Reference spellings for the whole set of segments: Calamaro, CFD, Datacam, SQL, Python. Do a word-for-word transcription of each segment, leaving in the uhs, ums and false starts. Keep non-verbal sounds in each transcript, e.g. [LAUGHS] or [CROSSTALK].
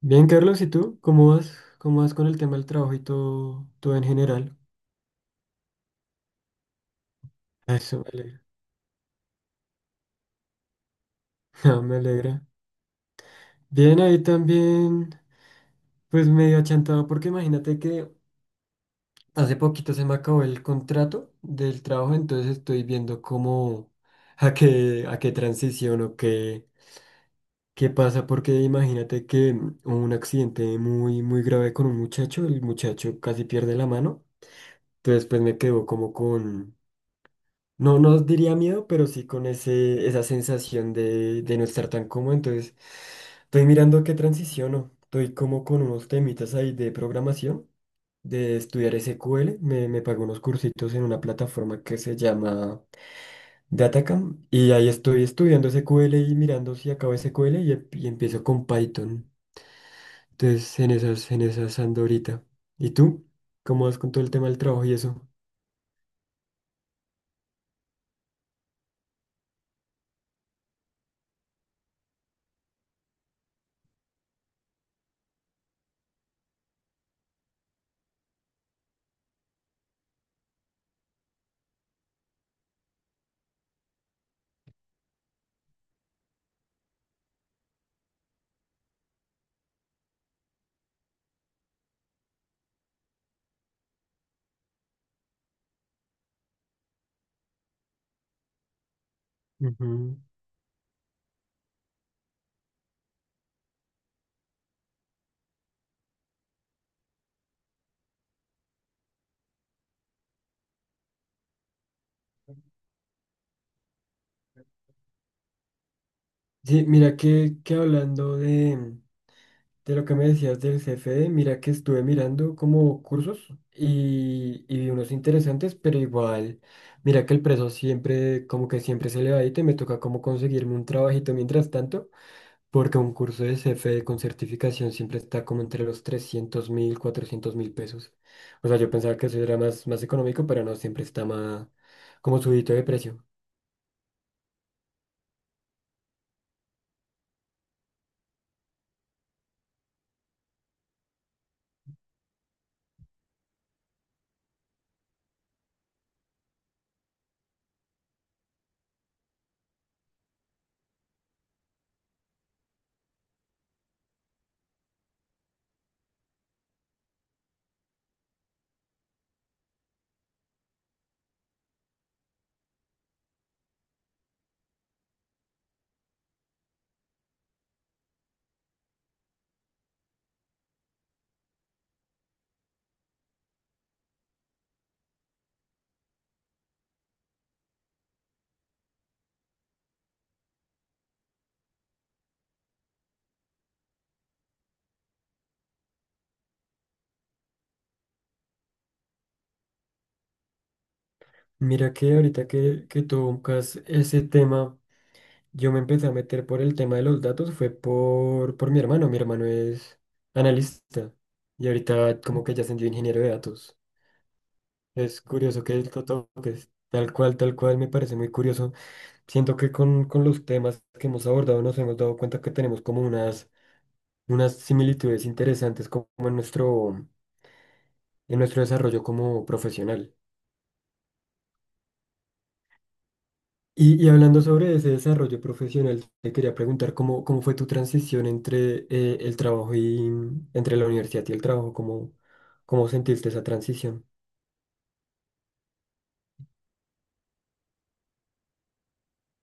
Bien, Carlos, ¿y tú? ¿Cómo vas? ¿Cómo vas con el tema del trabajo y todo, todo en general? Eso me alegra. [LAUGHS] No, me alegra. Bien, ahí también, pues medio achantado, porque imagínate que hace poquito se me acabó el contrato del trabajo, entonces estoy viendo cómo, a qué, a qué transición o qué, qué pasa, porque imagínate que mm, hubo un accidente muy, muy grave con un muchacho, el muchacho casi pierde la mano, entonces pues me quedo como con... No, no diría miedo, pero sí con ese, esa sensación de, de no estar tan cómodo. Entonces, estoy mirando qué transiciono. Estoy como con unos temitas ahí de programación, de estudiar S Q L. Me, me pago unos cursitos en una plataforma que se llama Datacam. Y ahí estoy estudiando S Q L y mirando si acabo S Q L y, em- y empiezo con Python. Entonces, en esas, en esas ando ahorita. ¿Y tú? ¿Cómo vas con todo el tema del trabajo y eso? Ujú. Sí, mira que, que hablando de... De lo que me decías del C F D, mira que estuve mirando como cursos y, y vi unos interesantes, pero igual, mira que el precio siempre, como que siempre se le va y te me toca como conseguirme un trabajito mientras tanto, porque un curso de C F D con certificación siempre está como entre los trescientos mil, cuatrocientos mil pesos. O sea, yo pensaba que eso era más, más económico, pero no, siempre está más como subidito de precio. Mira que ahorita que, que tocas ese tema. Yo me empecé a meter por el tema de los datos, fue por, por mi hermano. Mi hermano es analista y ahorita como que ya ascendió a ingeniero de datos. Es curioso que lo toques. Tal cual, tal cual, me parece muy curioso. Siento que con, con los temas que hemos abordado nos hemos dado cuenta que tenemos como unas, unas similitudes interesantes como en nuestro, en nuestro desarrollo como profesional. Y, y hablando sobre ese desarrollo profesional, te quería preguntar cómo, cómo fue tu transición entre eh, el trabajo y entre la universidad y el trabajo, cómo, cómo sentiste esa transición.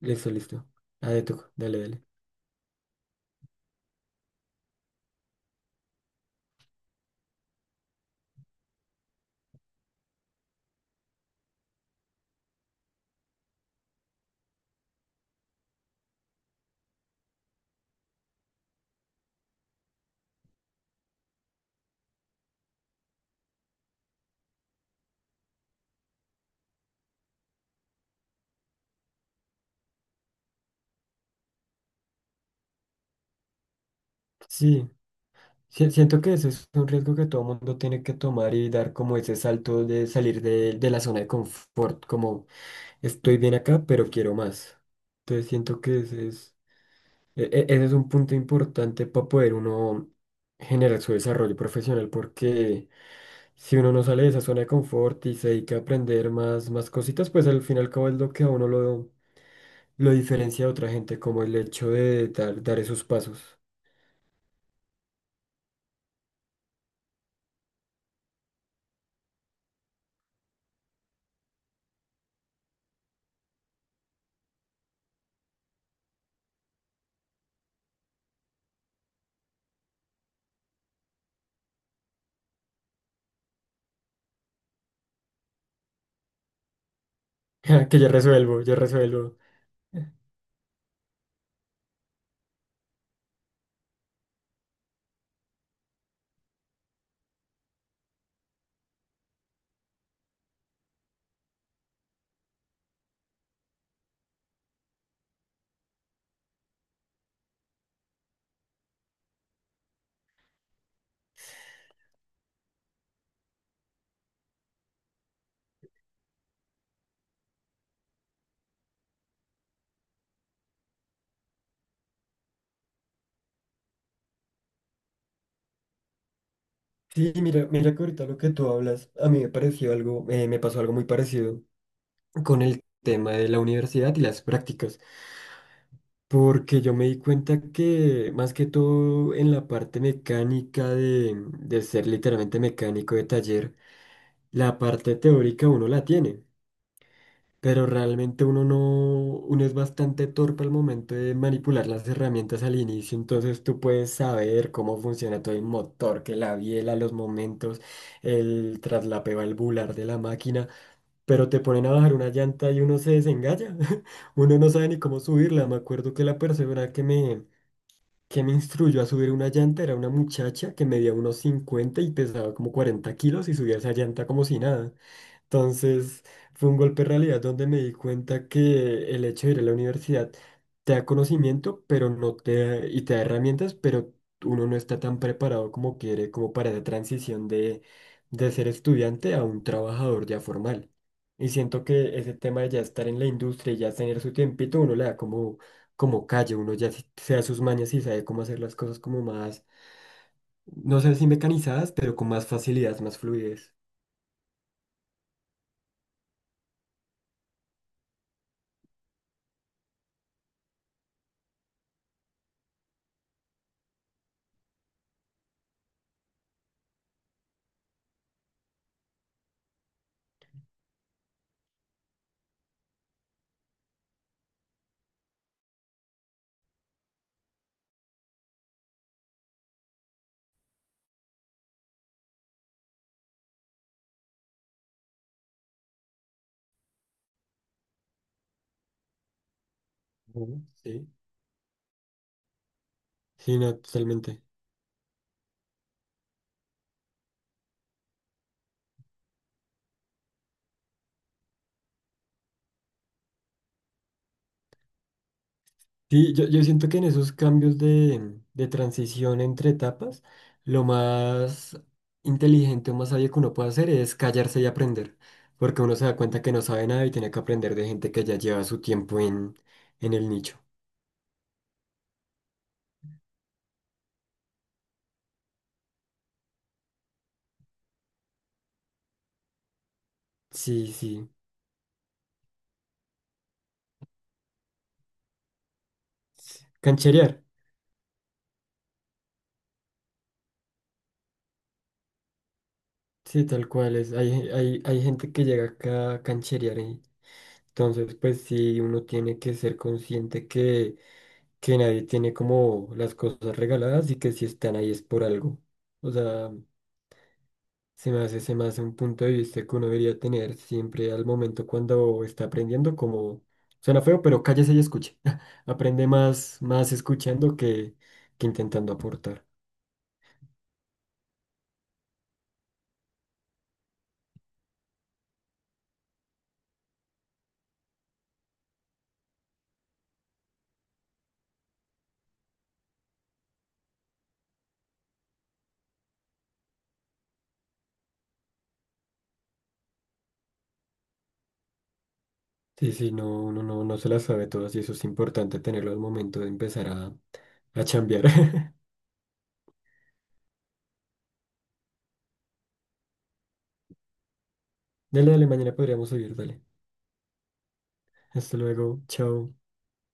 Listo, listo. A de tú, dale, dale. Sí, sí, siento que ese es un riesgo que todo mundo tiene que tomar y dar como ese salto de salir de, de la zona de confort, como estoy bien acá, pero quiero más. Entonces siento que ese es, e- e- ese es un punto importante para poder uno generar su desarrollo profesional porque si uno no sale de esa zona de confort y se dedica a aprender más, más cositas, pues al final y al cabo es lo que a uno lo, lo diferencia de otra gente, como el hecho de dar, dar esos pasos. [LAUGHS] Que ya resuelvo, ya resuelvo. Sí, mira, mira que ahorita lo que tú hablas, a mí me pareció algo, eh, me pasó algo muy parecido con el tema de la universidad y las prácticas, porque yo me di cuenta que más que todo en la parte mecánica de, de ser literalmente mecánico de taller, la parte teórica uno la tiene. Pero realmente uno no, uno es bastante torpe al momento de manipular las herramientas al inicio, entonces tú puedes saber cómo funciona todo el motor, que la biela, los momentos, el traslapeo valvular de la máquina, pero te ponen a bajar una llanta y uno se desengaña, [LAUGHS] uno no sabe ni cómo subirla, me acuerdo que la persona que me... que me instruyó a subir una llanta era una muchacha que medía unos cincuenta y pesaba como cuarenta kilos y subía esa llanta como si nada. Entonces fue un golpe de realidad donde me di cuenta que el hecho de ir a la universidad te da conocimiento, pero no te da- y te da herramientas, pero uno no está tan preparado como quiere, como para esa transición de, de ser estudiante a un trabajador ya formal. Y siento que ese tema de ya estar en la industria y ya tener su tiempito, uno le da como, como calle, uno ya se se da sus mañas y sabe cómo hacer las cosas como más, no sé si mecanizadas, pero con más facilidad, más fluidez. Ujú. Sí, sí, no, totalmente. Sí, yo, yo siento que en esos cambios de, de transición entre etapas, lo más inteligente o más sabio que uno puede hacer es callarse y aprender, porque uno se da cuenta que no sabe nada y tiene que aprender de gente que ya lleva su tiempo en, en el nicho. Sí, sí. Cancherear, sí, tal cual es. Hay, hay, hay gente que llega acá a cancherear y entonces pues sí, uno tiene que ser consciente que, que nadie tiene como las cosas regaladas y que si están ahí es por algo. O sea... Se me hace, se me hace un punto de vista que uno debería tener siempre al momento cuando está aprendiendo, como suena feo, pero cállese y escuche. [LAUGHS] Aprende más, más escuchando que, que intentando aportar. Sí, sí, no, uno no, no se las sabe todas y eso es importante tenerlo al momento de empezar a, a chambear. [LAUGHS] Dale, dale, mañana podríamos seguir, dale. Hasta luego, chao.